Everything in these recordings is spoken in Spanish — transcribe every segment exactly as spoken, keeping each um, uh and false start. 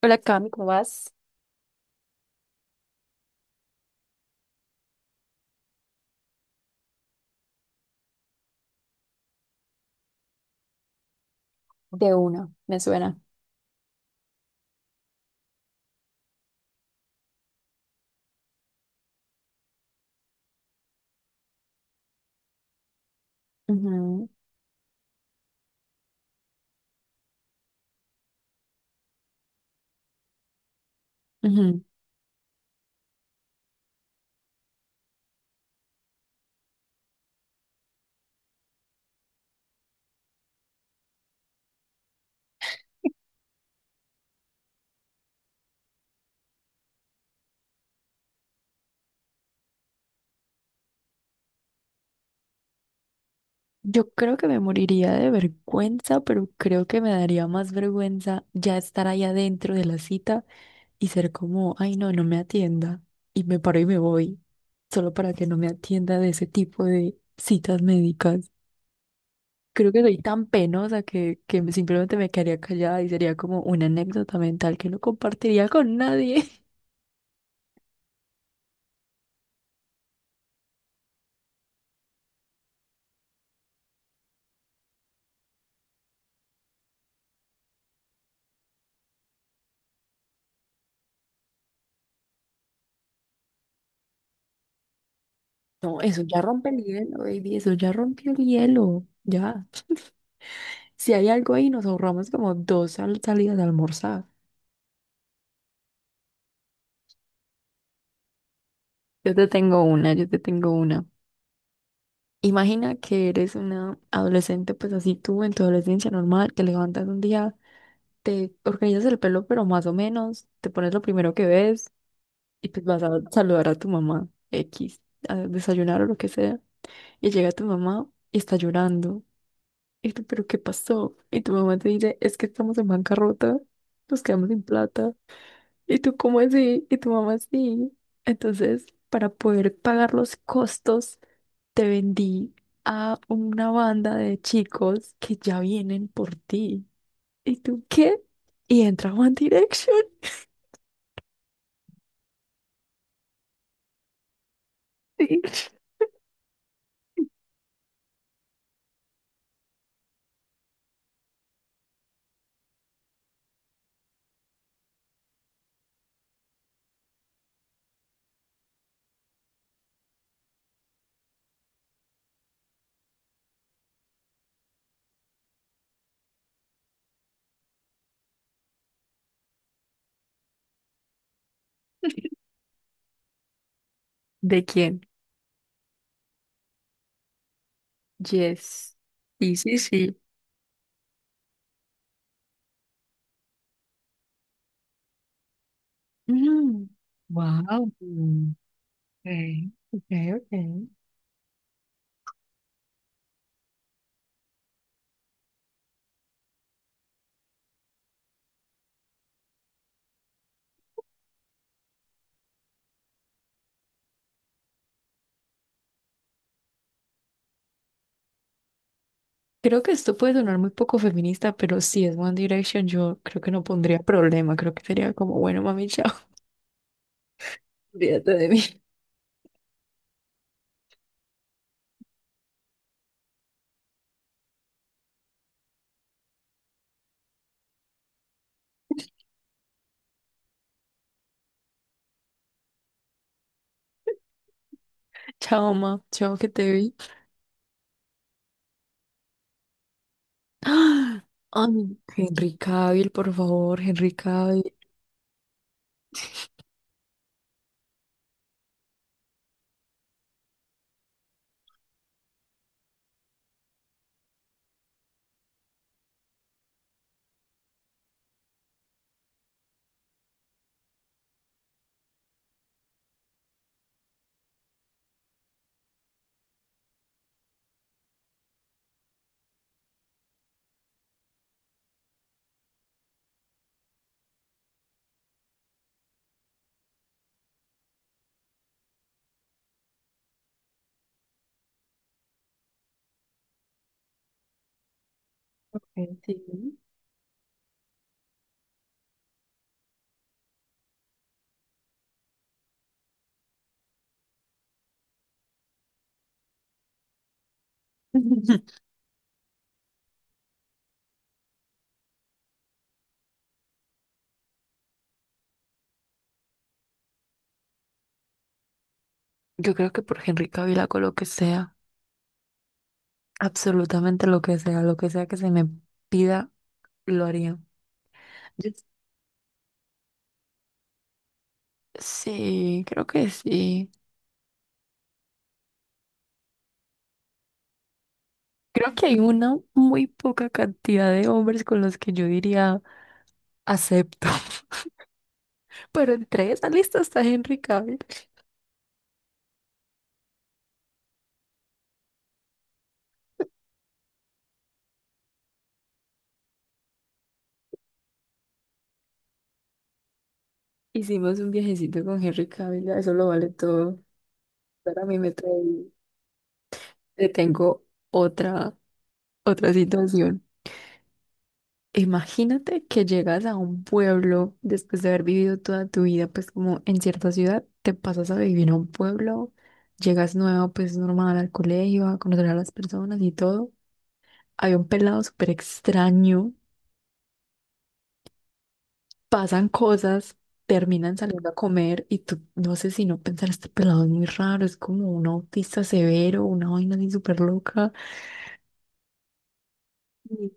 Hola, Cami, ¿cómo vas? De una, me suena. Ujú, ujú. Yo creo que me moriría de vergüenza, pero creo que me daría más vergüenza ya estar ahí adentro de la cita y ser como, ay no, no me atienda. Y me paro y me voy, solo para que no me atienda de ese tipo de citas médicas. Creo que soy tan penosa que, que me- simplemente me quedaría callada y sería como una anécdota mental que no compartiría con nadie. No, eso ya rompe el hielo, baby, eso ya rompió el hielo, ya. Si hay algo ahí, nos ahorramos como dos sal- salidas a almorzar. Yo te tengo una, yo te tengo una. Imagina que eres una adolescente, pues así tú, en tu adolescencia normal, te levantas un día, te organizas el pelo, pero más o menos, te pones lo primero que ves y pues vas a saludar a tu mamá, X, a desayunar o lo que sea. Y llega tu mamá y está llorando. Y tú, ¿pero qué pasó? Y tu mamá te dice, es que estamos en bancarrota, nos quedamos sin plata. Y tú, ¿cómo así? Y tu mamá, sí. Entonces, para poder pagar los costos, te vendí a una banda de chicos que ya vienen por ti. ¿Y tú qué? Y entra One Direction. Sí. ¿De quién? Yes. Sí, sí, sí. Wow. Okay, okay, okay. Creo que esto puede sonar muy poco feminista, pero si es One Direction, yo creo que no pondría problema. Creo que sería como, bueno, mami, chao, olvídate de mí. Chao, ma, chao, que te vi. ¡Ah! Ay, Henry Cavill, por favor, Henry Cavill. Okay. Yo creo que por Henry Cavill hago lo que sea, absolutamente lo que sea, lo que sea que se me pida, lo haría. Sí, creo que sí. Creo que hay una muy poca cantidad de hombres con los que yo diría acepto. Pero entre esa lista está Henry Cavill. Hicimos un viajecito con Henry Cavill, ya eso lo vale todo. Para mí me trae, te tengo otra, otra situación. Imagínate que llegas a un pueblo después de haber vivido toda tu vida, pues como en cierta ciudad, te pasas a vivir a un pueblo, llegas nuevo, pues normal al colegio, a conocer a las personas y todo. Había un pelado súper extraño, pasan cosas, terminan saliendo a comer y tú no sé si no pensar, este pelado es muy raro, es como un autista severo, una vaina así súper loca. y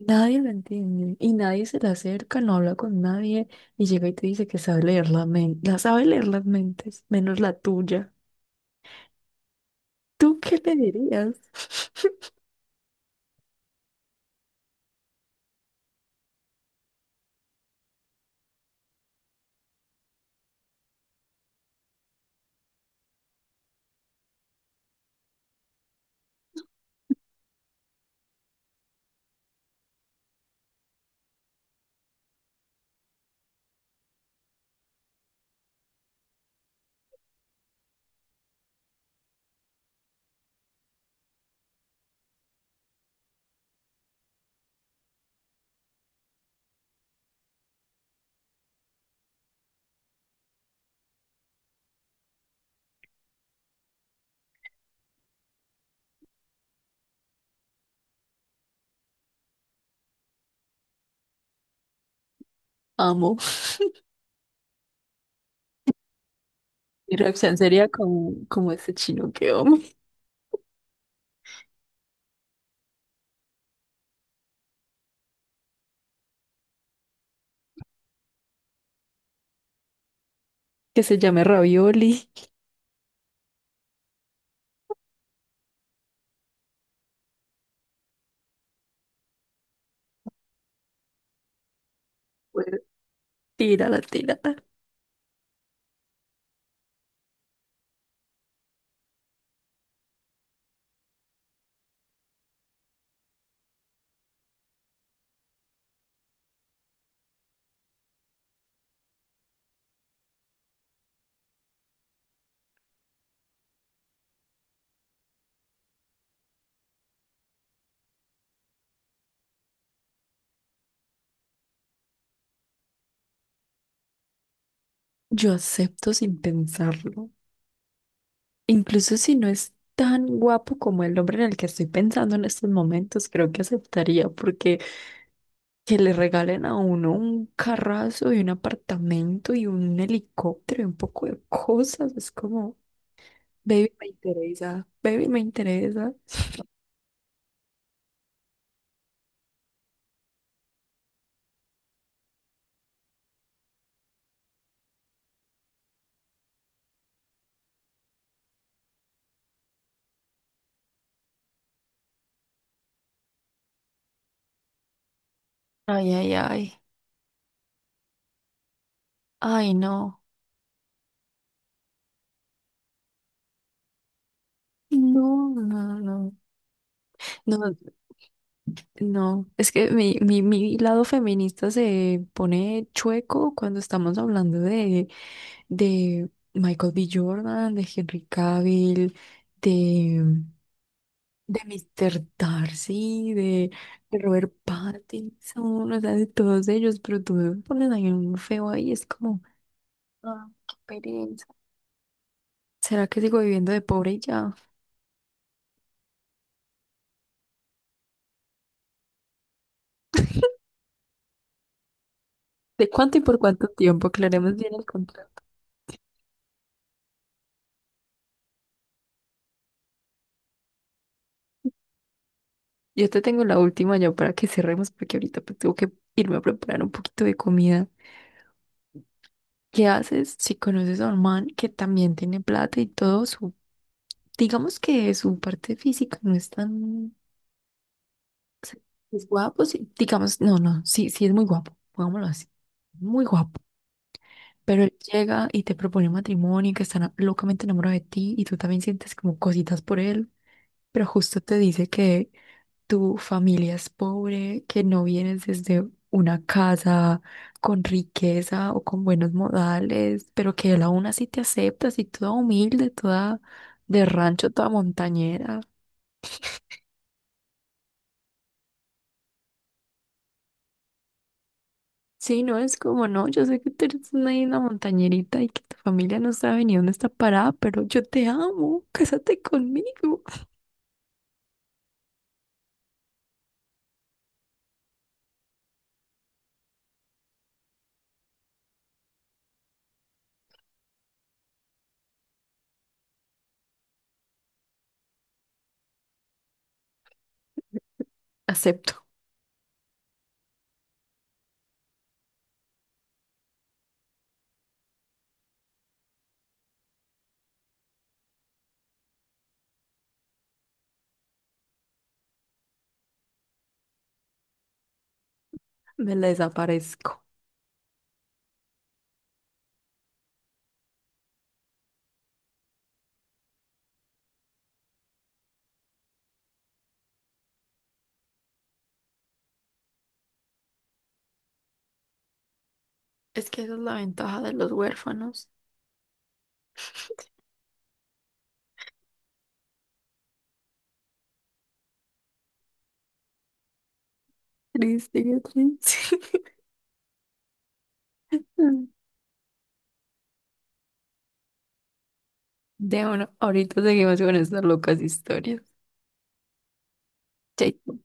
Nadie lo entiende y nadie se le acerca, no habla con nadie y llega y te dice que sabe leer la men- la sabe leer las mentes, menos la tuya. ¿Tú qué le dirías? Amo. Mi reacción sería como, como ese chino que amo, que se llame Ravioli. Bueno, tírala, tírala. Yo acepto sin pensarlo. Incluso si no es tan guapo como el hombre en el que estoy pensando en estos momentos, creo que aceptaría porque que le regalen a uno un carrazo y un apartamento y un helicóptero y un poco de cosas. Es como, baby, me interesa, baby, me interesa. Ay, ay, ay. Ay, no. No, no, no. No, no, es que mi, mi, mi lado feminista se pone chueco cuando estamos hablando de, de Michael B. Jordan, de Henry Cavill, de, de mister Darcy, de, de Robert Pattinson, o sea, de todos ellos, pero tú me pones ahí un feo ahí, es como, ah, qué pereza. ¿Será que sigo viviendo de pobre y ya? ¿De cuánto y por cuánto tiempo? Aclaremos bien el contrato. Yo te tengo la última ya para que cerremos, porque ahorita pues, tengo que irme a preparar un poquito de comida. ¿Qué haces si conoces a un man que también tiene plata y todo su, digamos que su parte física no es tan, o sea, es guapo, sí, digamos, no, no, sí, sí es muy guapo, pongámoslo así, muy guapo. Pero él llega y te propone matrimonio y que está na- locamente enamorado de ti y tú también sientes como cositas por él, pero justo te dice que tu familia es pobre, que no vienes desde una casa con riqueza o con buenos modales, pero que él aún así te aceptas y toda humilde, toda de rancho, toda montañera. Sí, no es como, no, yo sé que tú eres una, ahí una montañerita y que tu familia no sabe ni dónde está parada, pero yo te amo, cásate conmigo. Acepto, me la desaparezco. Es que esa es la ventaja de los huérfanos. Triste, qué triste. De uno, ahorita seguimos con estas locas historias. Chaito.